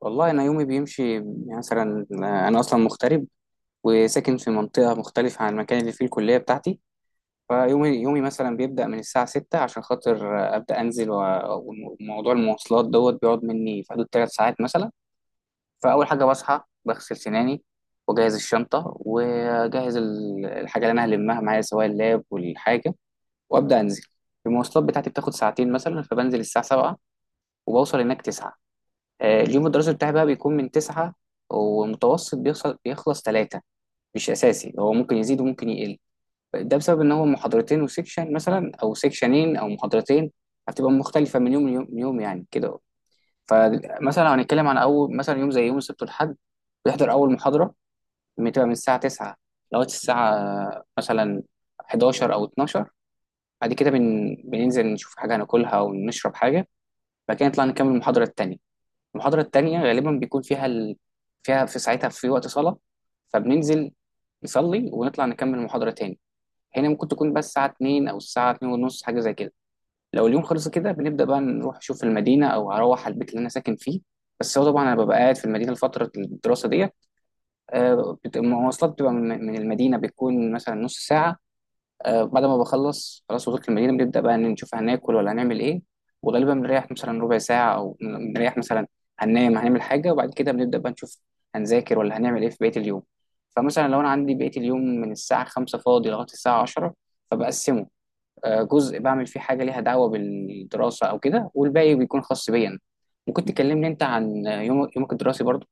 والله، أنا يومي بيمشي يعني مثلا، أنا أصلا مغترب وساكن في منطقة مختلفة عن المكان اللي فيه الكلية بتاعتي. فيومي مثلا بيبدأ من الساعة 6 عشان خاطر، أبدأ أنزل وموضوع المواصلات دوت بيقعد مني في حدود 3 ساعات مثلا. فأول حاجة بصحى بغسل سناني، وأجهز الشنطة، وأجهز الحاجة اللي أنا هلمها معايا سواء اللاب والحاجة، وأبدأ أنزل. المواصلات بتاعتي بتاخد ساعتين مثلا، فبنزل الساعة 7 وبوصل هناك 9. اليوم الدراسي بتاعي بقى بيكون من 9، ومتوسط بيخلص ثلاثة. مش أساسي، هو ممكن يزيد وممكن يقل. ده بسبب إن هو محاضرتين وسيكشن مثلا، أو سيكشنين أو محاضرتين هتبقى مختلفة من يوم ليوم يعني كده. فمثلا لو هنتكلم عن أول مثلا يوم، زي يوم السبت والحد، بيحضر أول محاضرة بتبقى من الساعة 9 لغاية الساعة مثلا 11 أو 12. بعد كده، بننزل نشوف حاجة هناكلها ونشرب حاجة. بعد كده نطلع نكمل المحاضرة التانية. المحاضرة التانية غالبا بيكون فيها فيها في ساعتها في وقت صلاة، فبننزل نصلي ونطلع نكمل المحاضرة تاني. هنا ممكن تكون بس الساعة 2، أو الساعة 2 ونص، حاجة زي كده. لو اليوم خلص كده، بنبدأ بقى نروح نشوف المدينة، أو هروح على البيت اللي أنا ساكن فيه. بس هو طبعا أنا ببقى قاعد في المدينة لفترة الدراسة ديت. المواصلات بتبقى من المدينة، بتكون مثلا نص ساعة. بعد ما بخلص، خلاص وصلت المدينة، بنبدأ بقى إن نشوف هناكل ولا هنعمل إيه. وغالبا بنريح مثلا ربع ساعة، أو بنريح مثلا، هننام، هنعمل حاجة، وبعد كده بنبدأ بقى نشوف هنذاكر ولا هنعمل إيه في بقية اليوم. فمثلا لو أنا عندي بقية اليوم من الساعة 5 فاضي لغاية الساعة 10، فبقسمه. جزء بعمل فيه حاجة ليها دعوة بالدراسة أو كده، والباقي بيكون خاص بيا أنا. ممكن تكلمني أنت عن يومك الدراسي برضه؟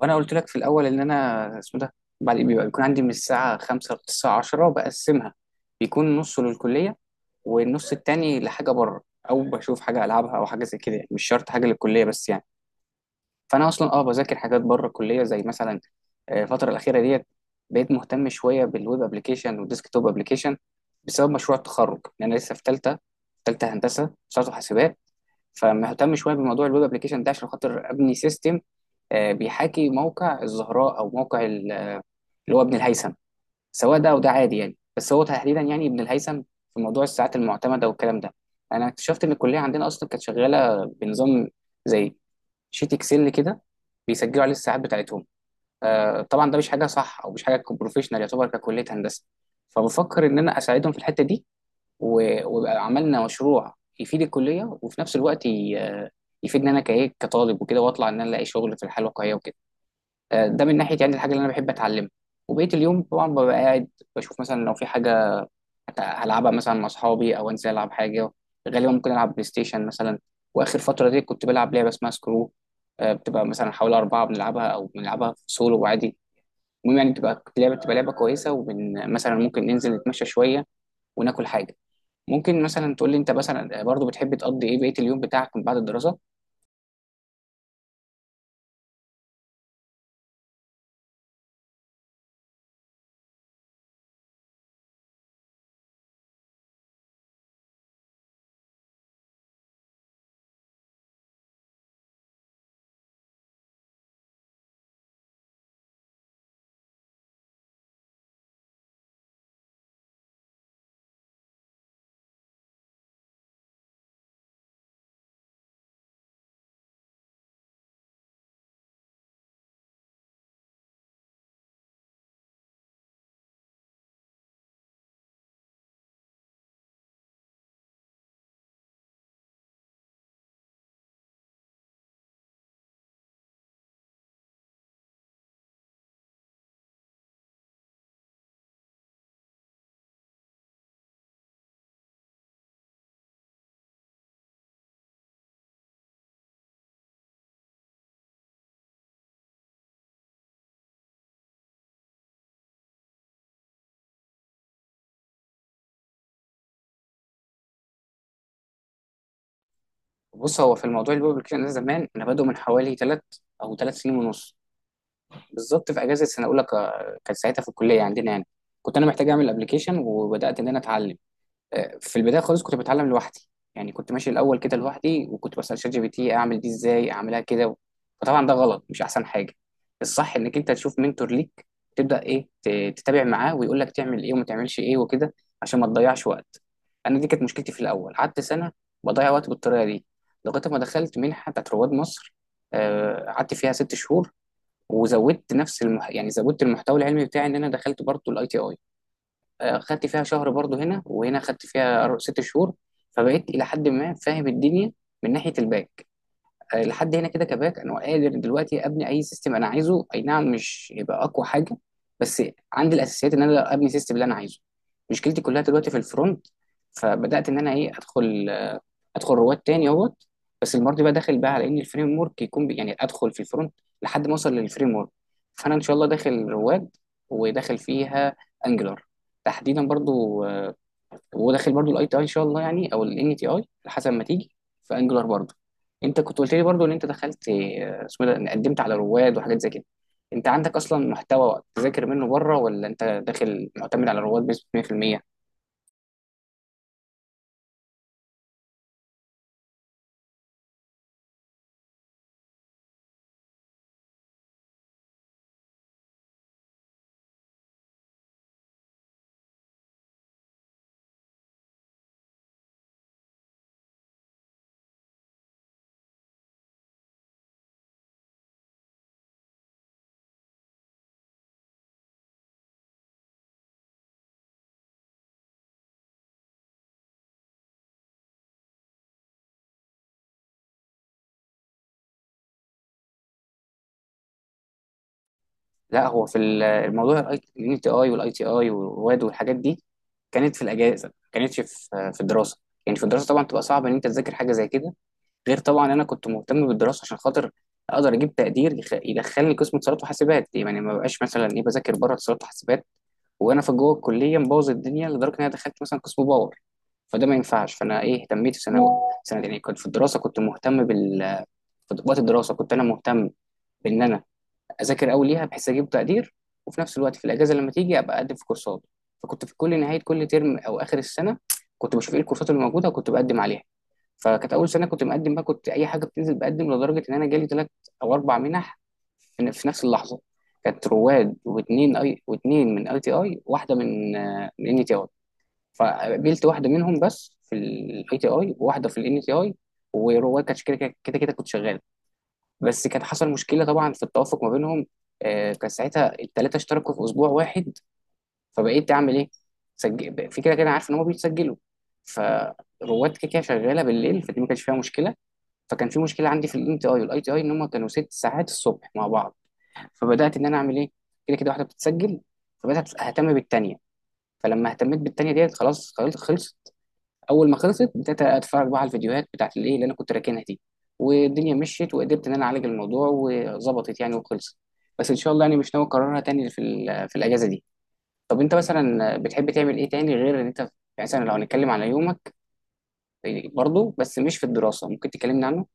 وانا قلت لك في الاول ان انا اسمه ده، بعد بيبقى بيكون عندي من الساعه 5 للساعه 10 بقسمها. بيكون نصه للكليه، والنص التاني لحاجه بره، او بشوف حاجه العبها او حاجه زي كده، يعني مش شرط حاجه للكليه بس يعني. فانا اصلا بذاكر حاجات بره الكليه، زي مثلا، الفتره الاخيره ديت بقيت مهتم شويه بالويب ابلكيشن والديسك توب ابلكيشن، بسبب مشروع التخرج، لان انا لسه في ثالثه. ثالثه هندسه، صارت حاسبات. فمهتم شويه بموضوع الويب ابلكيشن ده عشان خاطر ابني سيستم، بيحاكي موقع الزهراء، او موقع اللي هو ابن الهيثم. سواء ده او ده عادي يعني، بس هو تحديدا يعني ابن الهيثم. في موضوع الساعات المعتمده والكلام ده، انا اكتشفت ان الكليه عندنا اصلا كانت شغاله بنظام زي شيت اكسل كده، بيسجلوا عليه الساعات بتاعتهم. طبعا ده مش حاجه صح، او مش حاجه بروفيشنال يعتبر ككليه هندسه. فبفكر ان انا اساعدهم في الحته دي، ويبقى عملنا مشروع يفيد الكليه، وفي نفس الوقت يفيدني انا كايه كطالب وكده، واطلع ان انا الاقي شغل في الحياه الواقعيه وكده. ده من ناحيه يعني الحاجه اللي انا بحب اتعلمها. وبقيه اليوم طبعا ببقى قاعد بشوف مثلا لو في حاجه هلعبها مثلا مع اصحابي، او انزل العب حاجه. غالبا ممكن العب بلاي ستيشن مثلا. واخر فتره دي كنت بلعب لعبه اسمها سكرو. بتبقى مثلا حوالي 4 بنلعبها، او بنلعبها في سولو عادي. المهم يعني بتبقى لعبه كويسه، مثلا ممكن ننزل نتمشى شويه وناكل حاجه. ممكن مثلا تقول لي انت مثلا، برضو بتحب تقضي ايه بقيه اليوم بتاعك من بعد الدراسه؟ بص، هو في الموضوع الويب ابلكيشن ده، زمان انا بادئه من حوالي 3 او 3 سنين ونص بالظبط. في اجازه سنه اولى، كانت ساعتها في الكليه عندنا يعني، كنت انا محتاج اعمل ابلكيشن، وبدات ان انا اتعلم. في البدايه خالص كنت بتعلم لوحدي. يعني كنت ماشي الاول كده لوحدي، وكنت بسال شات جي بي تي اعمل دي ازاي، اعملها كده. فطبعا ده غلط، مش احسن حاجه. الصح انك انت تشوف منتور ليك، تبدا ايه تتابع معاه ويقول لك تعمل ايه وما تعملش ايه وكده، عشان ما تضيعش وقت. انا دي كانت مشكلتي في الاول، قعدت سنه بضيع وقت بالطريقه دي، لغايه ما دخلت منحه بتاعت رواد مصر. قعدت فيها 6 شهور، وزودت نفس يعني زودت المحتوى العلمي بتاعي. ان انا دخلت برضو الاي تي اي، خدت فيها شهر برضو. هنا وهنا خدت فيها 6 شهور. فبقيت الى حد ما فاهم الدنيا من ناحيه الباك. لحد هنا كده، كباك انا قادر دلوقتي ابني اي سيستم انا عايزه، اي نعم مش يبقى اقوى حاجه، بس عندي الاساسيات ان انا ابني سيستم اللي انا عايزه. مشكلتي كلها دلوقتي في الفرونت. فبدات ان انا ايه ادخل رواد تاني اهوت. بس المره دي بقى داخل بقى على ان الفريم ورك يكون يعني ادخل في الفرونت لحد ما اوصل للفريم ورك. فانا ان شاء الله داخل رواد، وداخل فيها انجلر تحديدا برضو، وداخل برضو الاي تي اي ان شاء الله يعني، او الان تي اي حسب ما تيجي في انجلر برضو. انت كنت قلت لي برضو ان انت دخلت، اسمه ده، إن قدمت على رواد وحاجات زي كده. انت عندك اصلا محتوى تذاكر منه بره، ولا انت داخل معتمد على رواد بنسبه 100%؟ لا، هو في الموضوع، الان تي اي والاي تي اي ورواد والحاجات دي كانت في الاجازه، ما كانتش في الدراسه. يعني في الدراسه طبعا تبقى صعب ان انت تذاكر حاجه زي كده. غير طبعا انا كنت مهتم بالدراسه عشان خاطر اقدر اجيب تقدير يدخلني قسم اتصالات وحاسبات. يعني ما بقاش مثلا ايه بذاكر بره اتصالات وحاسبات، وانا في جوه الكليه مبوظ الدنيا لدرجه ان انا دخلت مثلا قسم باور. فده ما ينفعش، فانا ايه اهتميت في ثانوي سنه يعني، كنت في الدراسه كنت مهتم في وقت الدراسه كنت انا مهتم بان انا اذاكر قوي ليها بحيث اجيب تقدير. وفي نفس الوقت، في الاجازه لما تيجي ابقى اقدم في كورسات. فكنت في كل نهايه كل ترم او اخر السنه، كنت بشوف ايه الكورسات اللي موجوده وكنت بقدم عليها. فكانت اول سنه كنت مقدم بقى، كنت اي حاجه بتنزل بقدم، لدرجه ان انا جالي 3 او 4 منح في نفس اللحظه. كانت رواد، واثنين اي، واثنين من اي تي اي، واحده من ان تي اي. فقبلت واحده منهم بس، في الاي تي اي وواحده في الان تي اي، ورواد كانت كده كده كده كده كنت شغال. بس كان حصل مشكله طبعا في التوافق ما بينهم. كان ساعتها الثلاثه اشتركوا في اسبوع واحد، فبقيت اعمل ايه؟ سجل في، كده كده عارف ان هم بيتسجلوا، فرواد كده كده شغاله بالليل فدي ما كانش فيها مشكله. فكان في مشكله عندي في الان تي اي والاي تي اي ان هم كانوا 6 ساعات الصبح مع بعض، فبدات ان انا اعمل ايه. كده كده واحده بتتسجل، فبدات اهتم بالتانيه. فلما اهتميت بالتانيه ديت خلاص، خلصت. اول ما خلصت بدات اتفرج بقى على الفيديوهات بتاعت الايه اللي انا كنت راكنها دي، والدنيا مشيت وقدرت ان انا اعالج الموضوع وظبطت يعني وخلصت. بس ان شاء الله يعني مش ناوي اكررها تاني في الاجازه دي. طب انت مثلا بتحب تعمل ايه تاني غير ان انت يعني، مثلا لو هنتكلم على يومك برضه بس مش في الدراسه، ممكن تكلمنا عنه؟